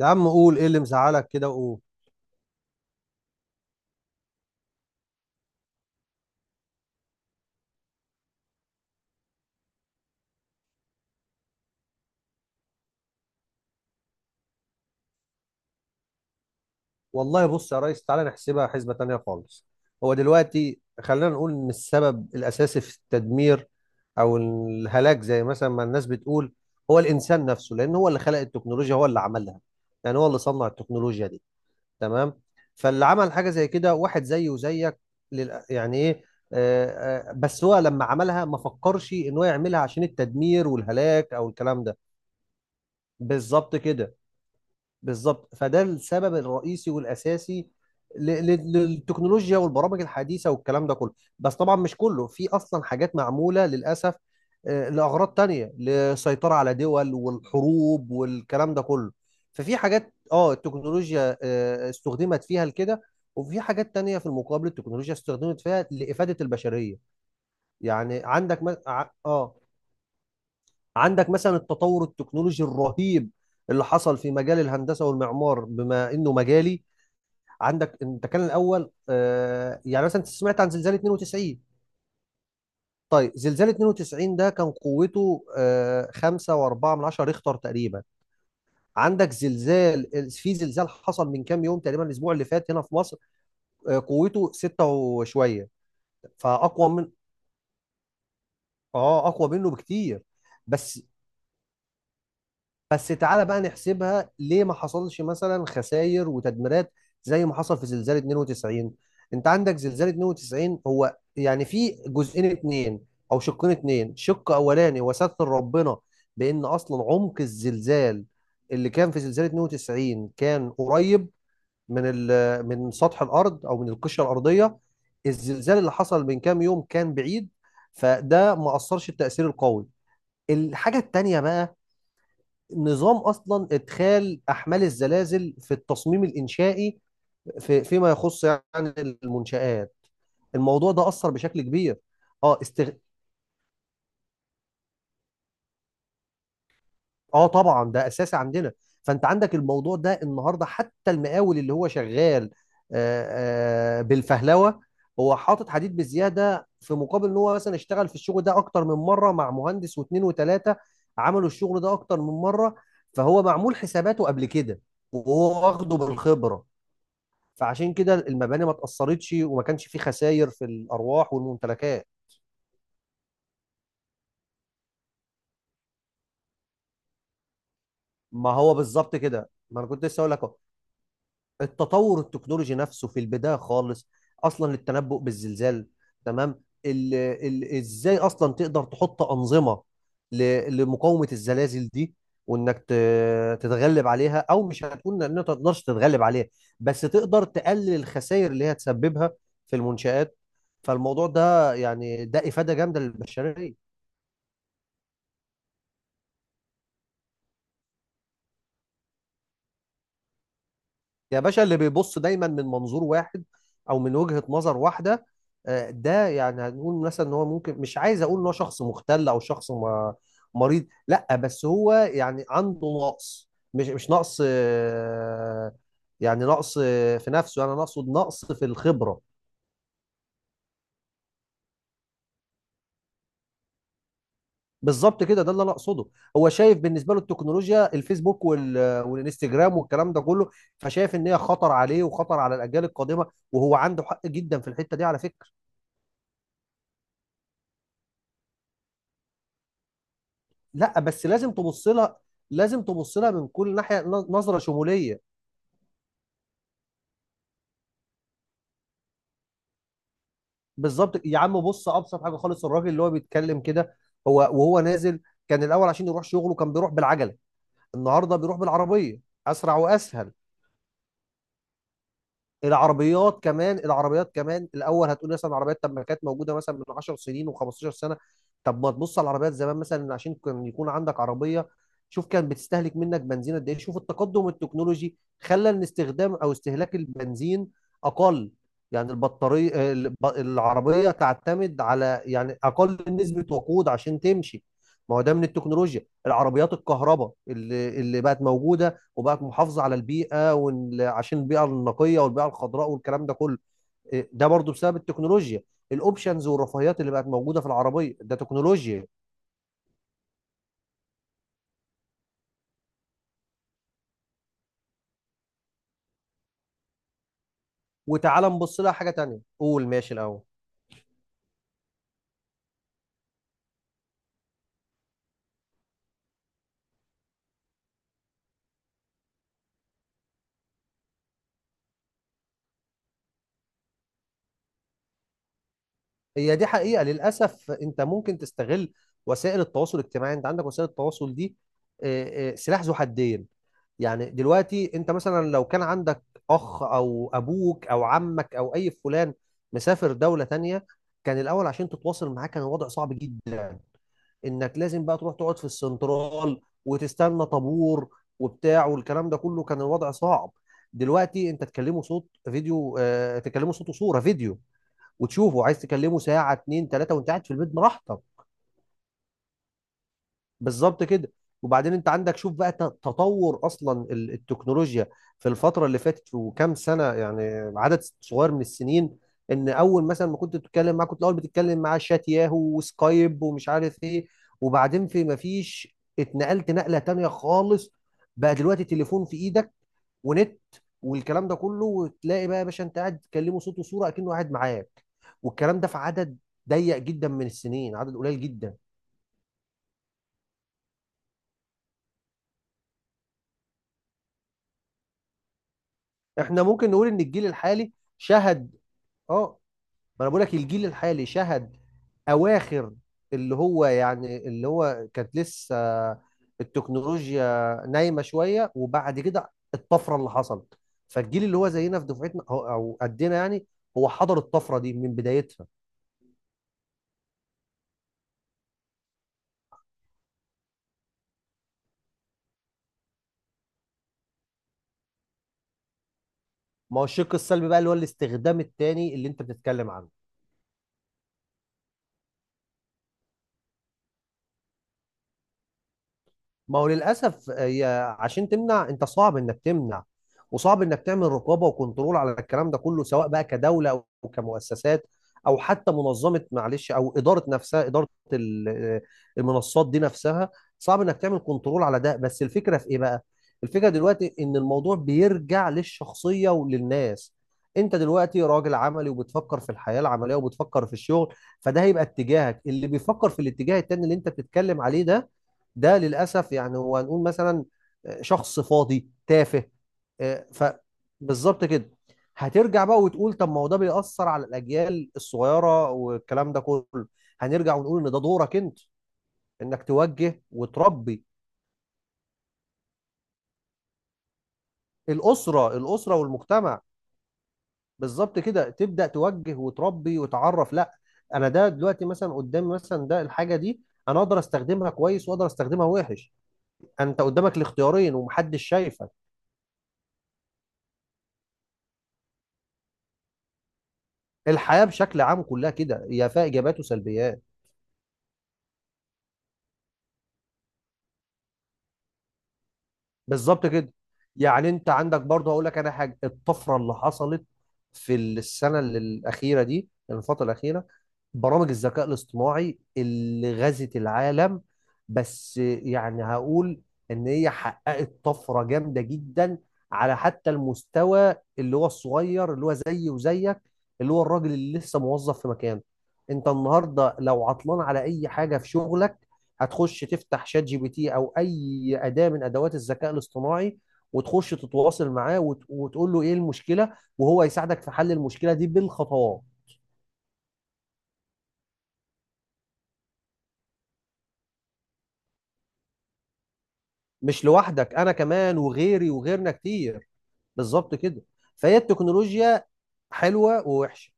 يا عم قول ايه اللي مزعلك كده وقول. والله بص يا ريس، تعالى نحسبها حسبة تانية خالص. هو دلوقتي خلينا نقول ان السبب الاساسي في التدمير او الهلاك زي مثلا ما الناس بتقول هو الانسان نفسه، لان هو اللي خلق التكنولوجيا، هو اللي عملها. يعني هو اللي صنع التكنولوجيا دي، تمام. فاللي عمل حاجة زي كده واحد زيه وزيك. لل... يعني ايه آه، آه، بس هو لما عملها ما فكرش ان هو يعملها عشان التدمير والهلاك او الكلام ده. بالظبط كده. بالظبط، فده السبب الرئيسي والاساسي للتكنولوجيا والبرامج الحديثه والكلام ده كله. بس طبعا مش كله، في اصلا حاجات معموله للاسف لاغراض تانية، للسيطره على دول والحروب والكلام ده كله. ففي حاجات اه التكنولوجيا استخدمت فيها لكده، وفي حاجات تانية في المقابل التكنولوجيا استخدمت فيها لإفادة البشرية. يعني عندك م... ع- اه عندك مثلا التطور التكنولوجي الرهيب اللي حصل في مجال الهندسه والمعمار، بما انه مجالي. عندك انت كان الاول يعني مثلا انت سمعت عن زلزال 92. طيب زلزال 92 ده كان قوته 5.4 من 10 ريختر تقريبا. عندك زلزال، في زلزال حصل من كام يوم تقريبا الاسبوع اللي فات هنا في مصر، قوته 6 وشويه. فاقوى من، اه اقوى منه بكتير. بس بس تعالى بقى نحسبها، ليه ما حصلش مثلا خسائر وتدميرات زي ما حصل في زلزال 92؟ انت عندك زلزال 92 هو يعني في جزئين اتنين او شقين اتنين. شق اولاني، وستر ربنا، بان اصلا عمق الزلزال اللي كان في زلزال 92 كان قريب من من سطح الارض او من القشره الارضيه. الزلزال اللي حصل من كام يوم كان بعيد، فده ما اثرش التاثير القوي. الحاجه التانيه بقى، نظام اصلا ادخال احمال الزلازل في التصميم الانشائي في فيما يخص يعني المنشآت. الموضوع ده اثر بشكل كبير. اه استغ... اه طبعا ده اساسي عندنا. فانت عندك الموضوع ده النهارده حتى المقاول اللي هو شغال بالفهلوه، هو حاطط حديد بزياده في مقابل ان هو مثلا اشتغل في الشغل ده اكتر من مره مع مهندس واثنين وثلاثه عملوا الشغل ده اكتر من مره، فهو معمول حساباته قبل كده وهو واخده بالخبره. فعشان كده المباني ما اتأثرتش وما كانش في خسائر في الأرواح والممتلكات. ما هو بالظبط كده، ما أنا كنت لسه أقول لك أهو. التطور التكنولوجي نفسه في البداية خالص أصلا للتنبؤ بالزلزال، تمام. ال إزاي أصلا تقدر تحط أنظمة لمقاومة الزلازل دي، وإنك تتغلب عليها، أو مش هتكون إن أنت ما تقدرش تتغلب عليها، بس تقدر تقلل الخسائر اللي هي تسببها في المنشآت. فالموضوع ده يعني ده إفادة جامدة للبشرية. يا باشا، اللي بيبص دايما من منظور واحد او من وجهة نظر واحده، ده يعني هنقول مثلا ان هو ممكن، مش عايز اقول ان هو شخص مختل او شخص مريض، لا، بس هو يعني عنده نقص. مش مش نقص آه، يعني نقص في نفسه، انا اقصد نقص في الخبره. بالظبط كده، ده اللي انا اقصده. هو شايف بالنسبه له التكنولوجيا، الفيسبوك والانستجرام والكلام ده كله، فشايف ان هي خطر عليه وخطر على الاجيال القادمه، وهو عنده حق جدا في الحته دي على فكره. لا بس لازم تبص لها، لازم تبص لها من كل ناحيه، نظره شموليه. بالظبط يا عم، بص، ابسط حاجه خالص الراجل اللي هو بيتكلم كده، هو وهو نازل، كان الاول عشان يروح شغله كان بيروح بالعجله، النهارده بيروح بالعربيه، اسرع واسهل. العربيات كمان، العربيات كمان الاول هتقول مثلا العربيات، طب ما كانت موجوده مثلا من 10 سنين و15 سنه، طب ما تبص على العربيات زمان مثلا عشان كان يكون عندك عربيه. شوف كان بتستهلك منك بنزين قد ايه، شوف التقدم التكنولوجي خلى ان استخدام او استهلاك البنزين اقل. يعني البطاريه، العربيه تعتمد على يعني اقل نسبه وقود عشان تمشي. ما هو ده من التكنولوجيا، العربيات الكهرباء اللي بقت موجوده وبقت محافظه على البيئه عشان البيئه النقيه والبيئه الخضراء والكلام ده كله. ده برضو بسبب التكنولوجيا. الاوبشنز والرفاهيات اللي بقت موجوده في العربيه ده تكنولوجيا. وتعالى نبص لها حاجه تانية، قول ماشي الاول. هي دي حقيقه، للاسف انت ممكن تستغل وسائل التواصل الاجتماعي. انت عندك وسائل التواصل دي إيه، إيه، سلاح ذو حدين. يعني دلوقتي انت مثلا لو كان عندك اخ او ابوك او عمك او اي فلان مسافر دوله تانية، كان الاول عشان تتواصل معاه كان الوضع صعب جدا، انك لازم بقى تروح تقعد في السنترال وتستنى طابور وبتاع والكلام ده كله، كان الوضع صعب. دلوقتي انت تكلمه صوت فيديو، آه تكلمه صوت وصوره فيديو وتشوفه، عايز تكلمه ساعه اتنين تلاته وانت قاعد في البيت براحتك. بالظبط كده. وبعدين انت عندك شوف بقى تطور اصلا التكنولوجيا في الفتره اللي فاتت وكام سنه، يعني عدد صغير من السنين. ان اول مثلا ما كنت بتتكلم معاه كنت الاول بتتكلم معاه شات ياهو وسكايب ومش عارف ايه، وبعدين في ما فيش اتنقلت نقله تانية خالص. بقى دلوقتي تليفون في ايدك ونت والكلام ده كله، وتلاقي بقى يا باشا انت قاعد تكلمه صوت وصوره اكنه قاعد معاك. والكلام ده في عدد ضيق جدا من السنين، عدد قليل جدا. احنا ممكن نقول ان الجيل الحالي شهد، اه، ما انا بقول لك الجيل الحالي شهد اواخر اللي هو يعني اللي هو كانت لسه التكنولوجيا نايمه شويه، وبعد كده الطفره اللي حصلت. فالجيل اللي هو زينا في دفعتنا او أو قدنا يعني، هو حضر الطفره دي من بدايتها. ما هو الشق السلبي بقى اللي هو الاستخدام التاني اللي انت بتتكلم عنه. ما هو للاسف هي، عشان تمنع، انت صعب انك تمنع. وصعب انك تعمل رقابه وكنترول على الكلام ده كله، سواء بقى كدوله او كمؤسسات، او حتى منظمه، معلش، او اداره نفسها، اداره المنصات دي نفسها. صعب انك تعمل كنترول على ده، بس الفكره في ايه بقى؟ الفكره دلوقتي ان الموضوع بيرجع للشخصيه وللناس. انت دلوقتي راجل عملي وبتفكر في الحياه العمليه وبتفكر في الشغل، فده هيبقى اتجاهك. اللي بيفكر في الاتجاه التاني اللي انت بتتكلم عليه ده، ده للاسف يعني هو هنقول مثلا شخص فاضي تافه. آه، ف بالظبط كده. هترجع بقى وتقول طب ما هو ده بيأثر على الأجيال الصغيرة والكلام ده كله. هنرجع ونقول إن ده دورك أنت، إنك توجه وتربي. الأسرة والمجتمع. بالظبط كده، تبدأ توجه وتربي وتعرف لا، أنا ده دلوقتي مثلا قدامي مثلا ده الحاجة دي، أنا أقدر أستخدمها كويس وأقدر أستخدمها وحش. أنت قدامك الاختيارين ومحدش شايفك. الحياة بشكل عام كلها كده، هي فيها إيجابيات وسلبيات. بالظبط كده. يعني أنت عندك برضه هقول لك أنا حاجة، الطفرة اللي حصلت في السنة الأخيرة دي، الفترة الأخيرة، برامج الذكاء الاصطناعي اللي غزت العالم. بس يعني هقول إن هي حققت طفرة جامدة جدا على حتى المستوى اللي هو الصغير اللي هو زيي وزيك، اللي هو الراجل اللي لسه موظف في مكانه. أنت النهاردة لو عطلان على أي حاجة في شغلك هتخش تفتح شات جي بي تي او اي اداه من ادوات الذكاء الاصطناعي، وتخش تتواصل معاه وتقول له ايه المشكله وهو يساعدك في حل المشكله دي بالخطوات. مش لوحدك، انا كمان وغيري وغيرنا كتير. بالظبط كده. فهي التكنولوجيا حلوه ووحشه،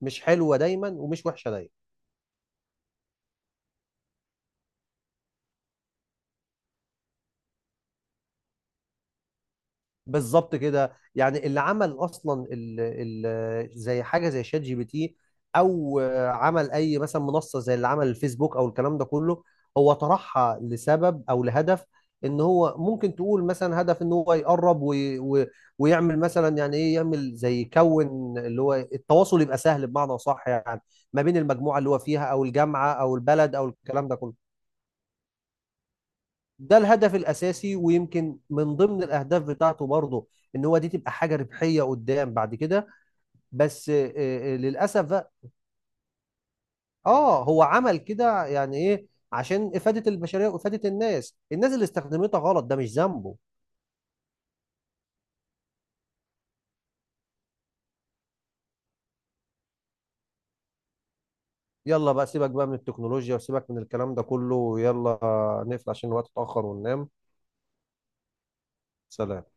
مش حلوه دايما ومش وحشه دايما. بالظبط كده. يعني اللي عمل اصلا ال زي حاجه زي شات جي بي تي، او عمل اي مثلا منصه زي اللي عمل الفيسبوك او الكلام ده كله، هو طرحها لسبب او لهدف. ان هو ممكن تقول مثلا هدف، ان هو يقرب ويعمل مثلا يعني ايه، يعمل زي يكون اللي هو التواصل يبقى سهل بمعنى صح يعني ما بين المجموعه اللي هو فيها او الجامعه او البلد او الكلام ده كله. ده الهدف الاساسي، ويمكن من ضمن الاهداف بتاعته برضه ان هو دي تبقى حاجه ربحيه قدام بعد كده، بس للاسف بقى، اه هو عمل كده يعني ايه، عشان افاده البشريه وافاده الناس. الناس اللي استخدمتها غلط ده مش ذنبه. يلا بقى سيبك بقى من التكنولوجيا وسيبك من الكلام ده كله، يلا نقفل عشان الوقت اتاخر وننام. سلام.